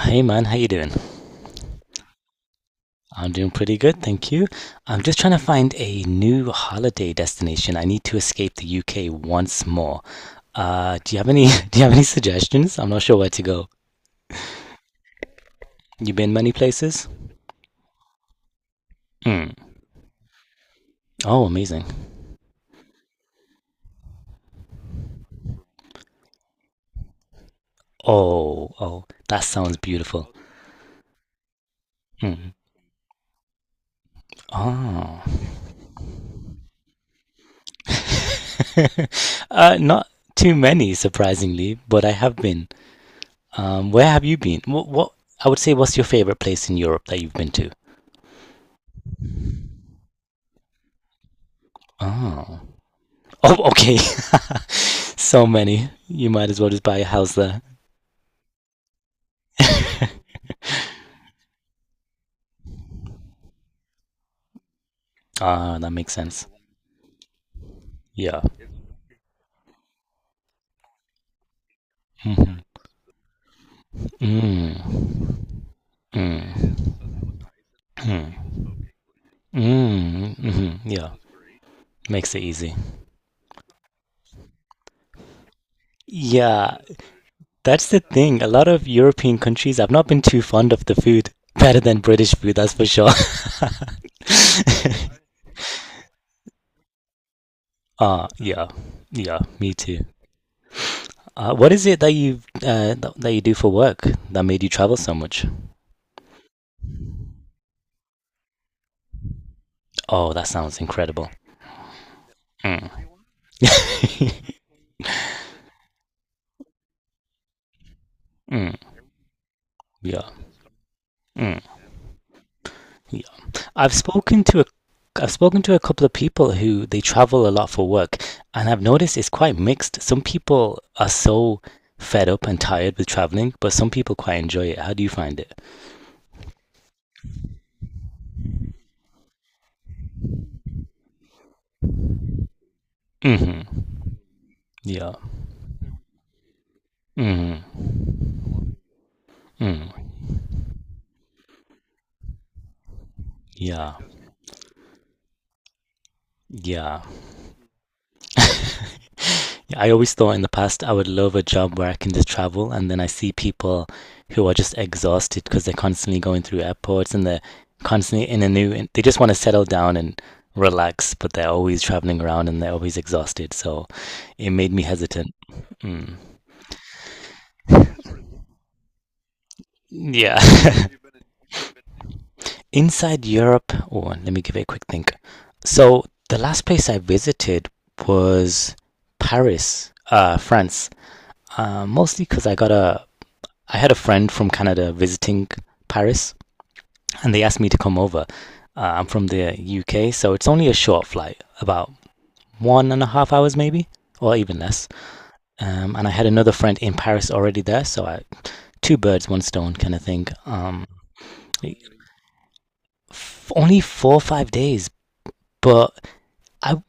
Hey man, how you doing? I'm doing pretty good, thank you. I'm just trying to find a new holiday destination. I need to escape the UK once more. Do you have any Do you have any suggestions? I'm not sure where to go. You been many places? Mm. Oh, amazing. Oh, that sounds beautiful. Mm. Oh. Not too many, surprisingly, but I have been. Where have you been? What's your favorite place in Europe that you've been to? Oh. Oh, okay. So many. You might as well just buy a house there. Ah, that makes sense. Yeah. Mm-hmm. Mm. Mm. Mm. Mm. Mm-hmm. Yeah. Makes it easy. Yeah, that's the thing. A lot of European countries, I've not been too fond of the food. Better than British food, that's for sure. Ah, yeah. Yeah, me too. What is it that you do for work that made you travel so much? Oh, that sounds incredible. Mm, mm, yeah. Mm. Yeah. I've spoken to a I've spoken to a couple of people who they travel a lot for work, and I've noticed it's quite mixed. Some people are so fed up and tired with traveling, but some people quite enjoy it. How do you find it? Hmm. Yeah. Hmm. Mm. Yeah. Yeah. Yeah, I always thought in the past I would love a job where I can just travel, and then I see people who are just exhausted because they're constantly going through airports and they're constantly in a new. They just want to settle down and relax, but they're always traveling around and they're always exhausted. So it made me hesitant. Mm. Yeah. Inside Europe, oh, let me give it a quick think. So the last place I visited was Paris, France. Mostly because I had a friend from Canada visiting Paris, and they asked me to come over. I'm from the UK, so it's only a short flight, about 1.5 hours maybe, or even less. And I had another friend in Paris already there, so two birds, one stone kind of thing. Only 4 or 5 days, but I.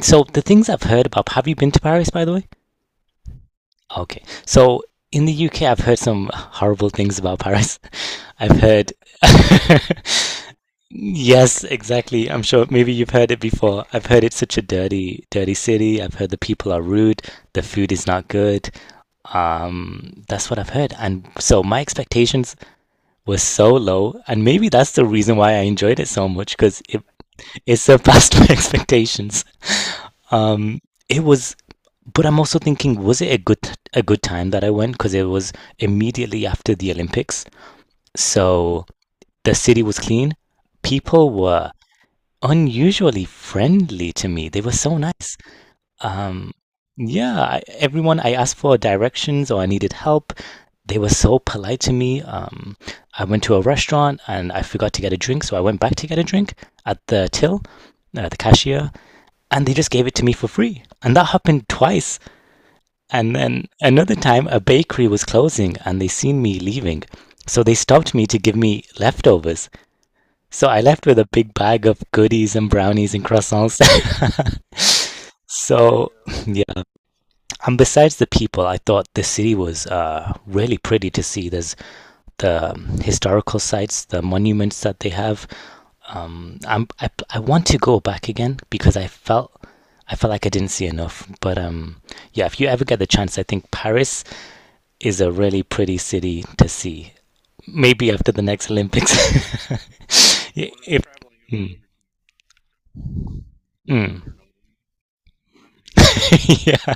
So the things I've heard about. Have you been to Paris, by the way? Okay, so in the UK, I've heard some horrible things about Paris. I've heard Yes, exactly. I'm sure maybe you've heard it before. I've heard it's such a dirty, dirty city. I've heard the people are rude, the food is not good. That's what I've heard. And so my expectations were so low, and maybe that's the reason why I enjoyed it so much because it surpassed my expectations. Um, it was, but I'm also thinking, was it a good time that I went? Because it was immediately after the Olympics, so the city was clean. People were unusually friendly to me. They were so nice. Um, yeah, everyone I asked for directions or I needed help, they were so polite to me. I went to a restaurant and I forgot to get a drink, so I went back to get a drink at the till, the cashier, and they just gave it to me for free. And that happened twice. And then another time, a bakery was closing and they seen me leaving. So they stopped me to give me leftovers. So I left with a big bag of goodies and brownies and croissants. So, yeah. And besides the people, I thought the city was really pretty to see. There's the historical sites, the monuments that they have. I want to go back again because I felt like I didn't see enough. But yeah, if you ever get the chance, I think Paris is a really pretty city to see. Maybe after the next Olympics, if mm, mm. Yeah.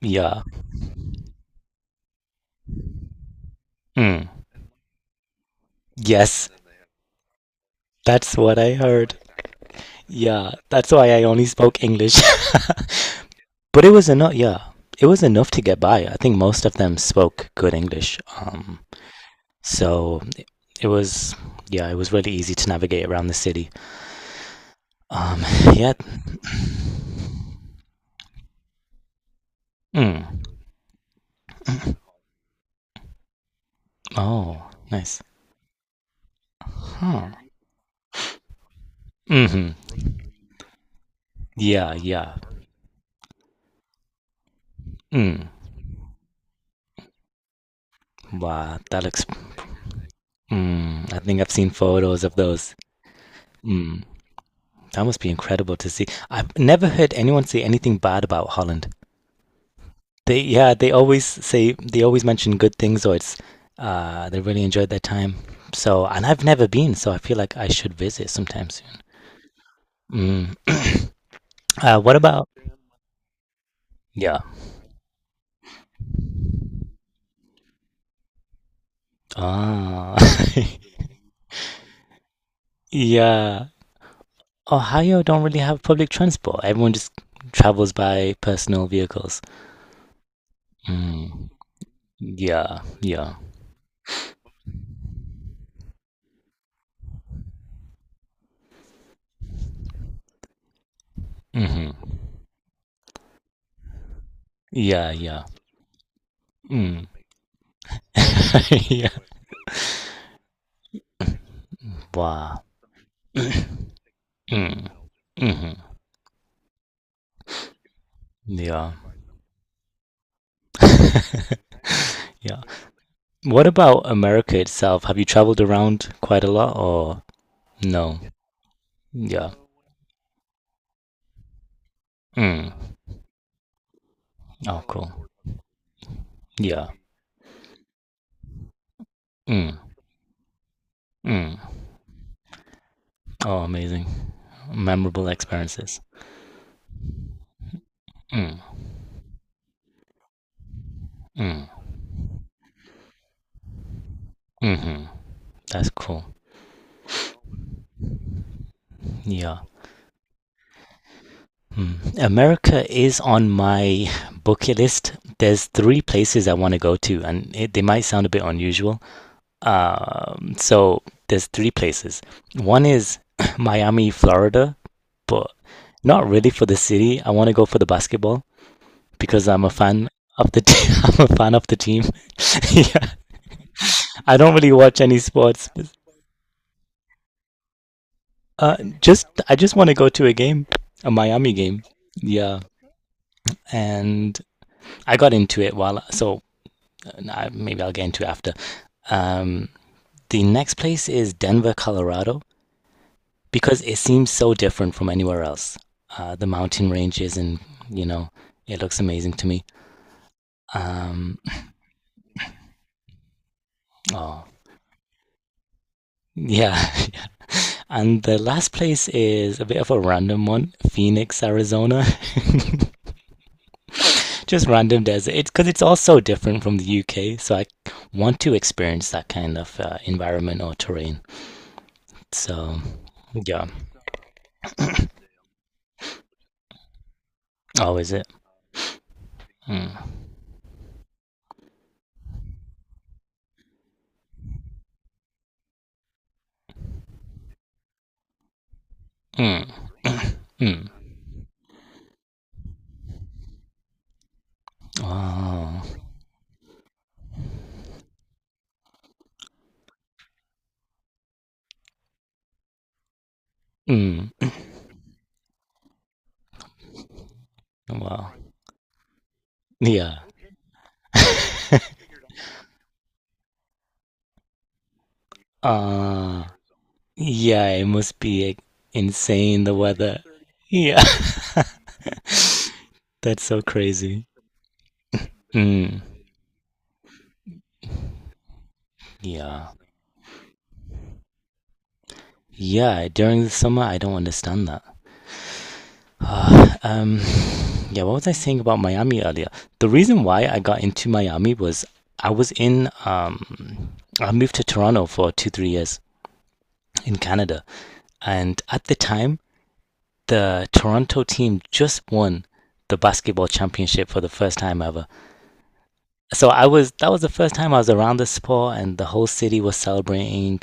Yeah. Mm. Yes, that's what I heard. Yeah, that's why I only spoke English. But it was enough. Yeah, it was enough to get by. I think most of them spoke good English. So it was, yeah, it was really easy to navigate around the city. Um, yeah. Mm. Oh, nice. Huh. Mm-hmm. Yeah, yeah. Mm. Wow, that looks. Mm. I think I've seen photos of those. Mm. That must be incredible to see. I've never heard anyone say anything bad about Holland. They Yeah, they always say, they always mention good things, or it's, they really enjoyed their time. So and I've never been, so I feel like I should visit sometime soon. Mm. What about. Yeah. Ah, yeah. Ohio don't really have public transport. Everyone just travels by personal vehicles. Mm. Yeah, yeah. Hmm. Yeah, yeah. Mm. Yeah. Wow. Mm. Hmm. Yeah. Yeah. What about America itself? Have you traveled around quite a lot or no? Yeah. Mm. Oh, cool. Yeah. Mm. Mm. Oh, amazing. Memorable experiences. Mm. Mm. Hmm. That's cool. Yeah. Mm. America is on my bucket list. There's three places I want to go to, and they might sound a bit unusual. So there's three places. One is Miami, Florida, but not really for the city. I want to go for the basketball because I'm a fan of the team. I'm a fan of the team. Yeah. I don't really watch any sports. Just I just want to go to a game, a Miami game. Yeah. And I got into it while so maybe I'll get into it after. Um, the next place is Denver, Colorado because it seems so different from anywhere else. The mountain ranges and you know it looks amazing to me. Um, oh, yeah, and the last place is a bit of a random one: Phoenix, Arizona. Just random desert. It's because it's all so different from the UK, so I want to experience that kind of environment or terrain. So yeah. Oh, is it? Mm, mm, mm. Oh, mm. Wow. Yeah. Uh, yeah, it must be like, insane the weather. Yeah, that's so crazy. Mm, yeah. Yeah, during the summer, I don't understand that. Uh, um, yeah, what was I saying about Miami earlier? The reason why I got into Miami was I was in, um, I moved to Toronto for 2, 3 years in Canada. And at the time, the Toronto team just won the basketball championship for the first time ever. So I was that was the first time I was around the sport, and the whole city was celebrating.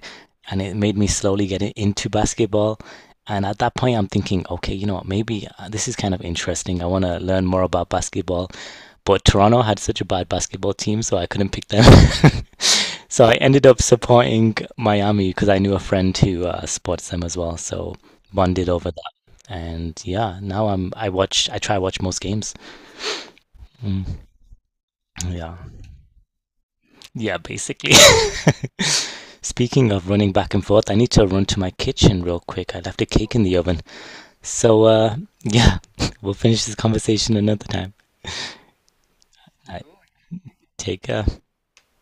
And it made me slowly get into basketball. And at that point I'm thinking, okay, you know what, maybe this is kind of interesting. I want to learn more about basketball, but Toronto had such a bad basketball team, so I couldn't pick them. So I ended up supporting Miami because I knew a friend who supports them as well, so bonded over that. And yeah, now I try watch most games. Mm, yeah. Yeah, basically. Speaking of running back and forth, I need to run to my kitchen real quick. I left a cake in the oven. So, yeah, we'll finish this conversation another time. All right, take care.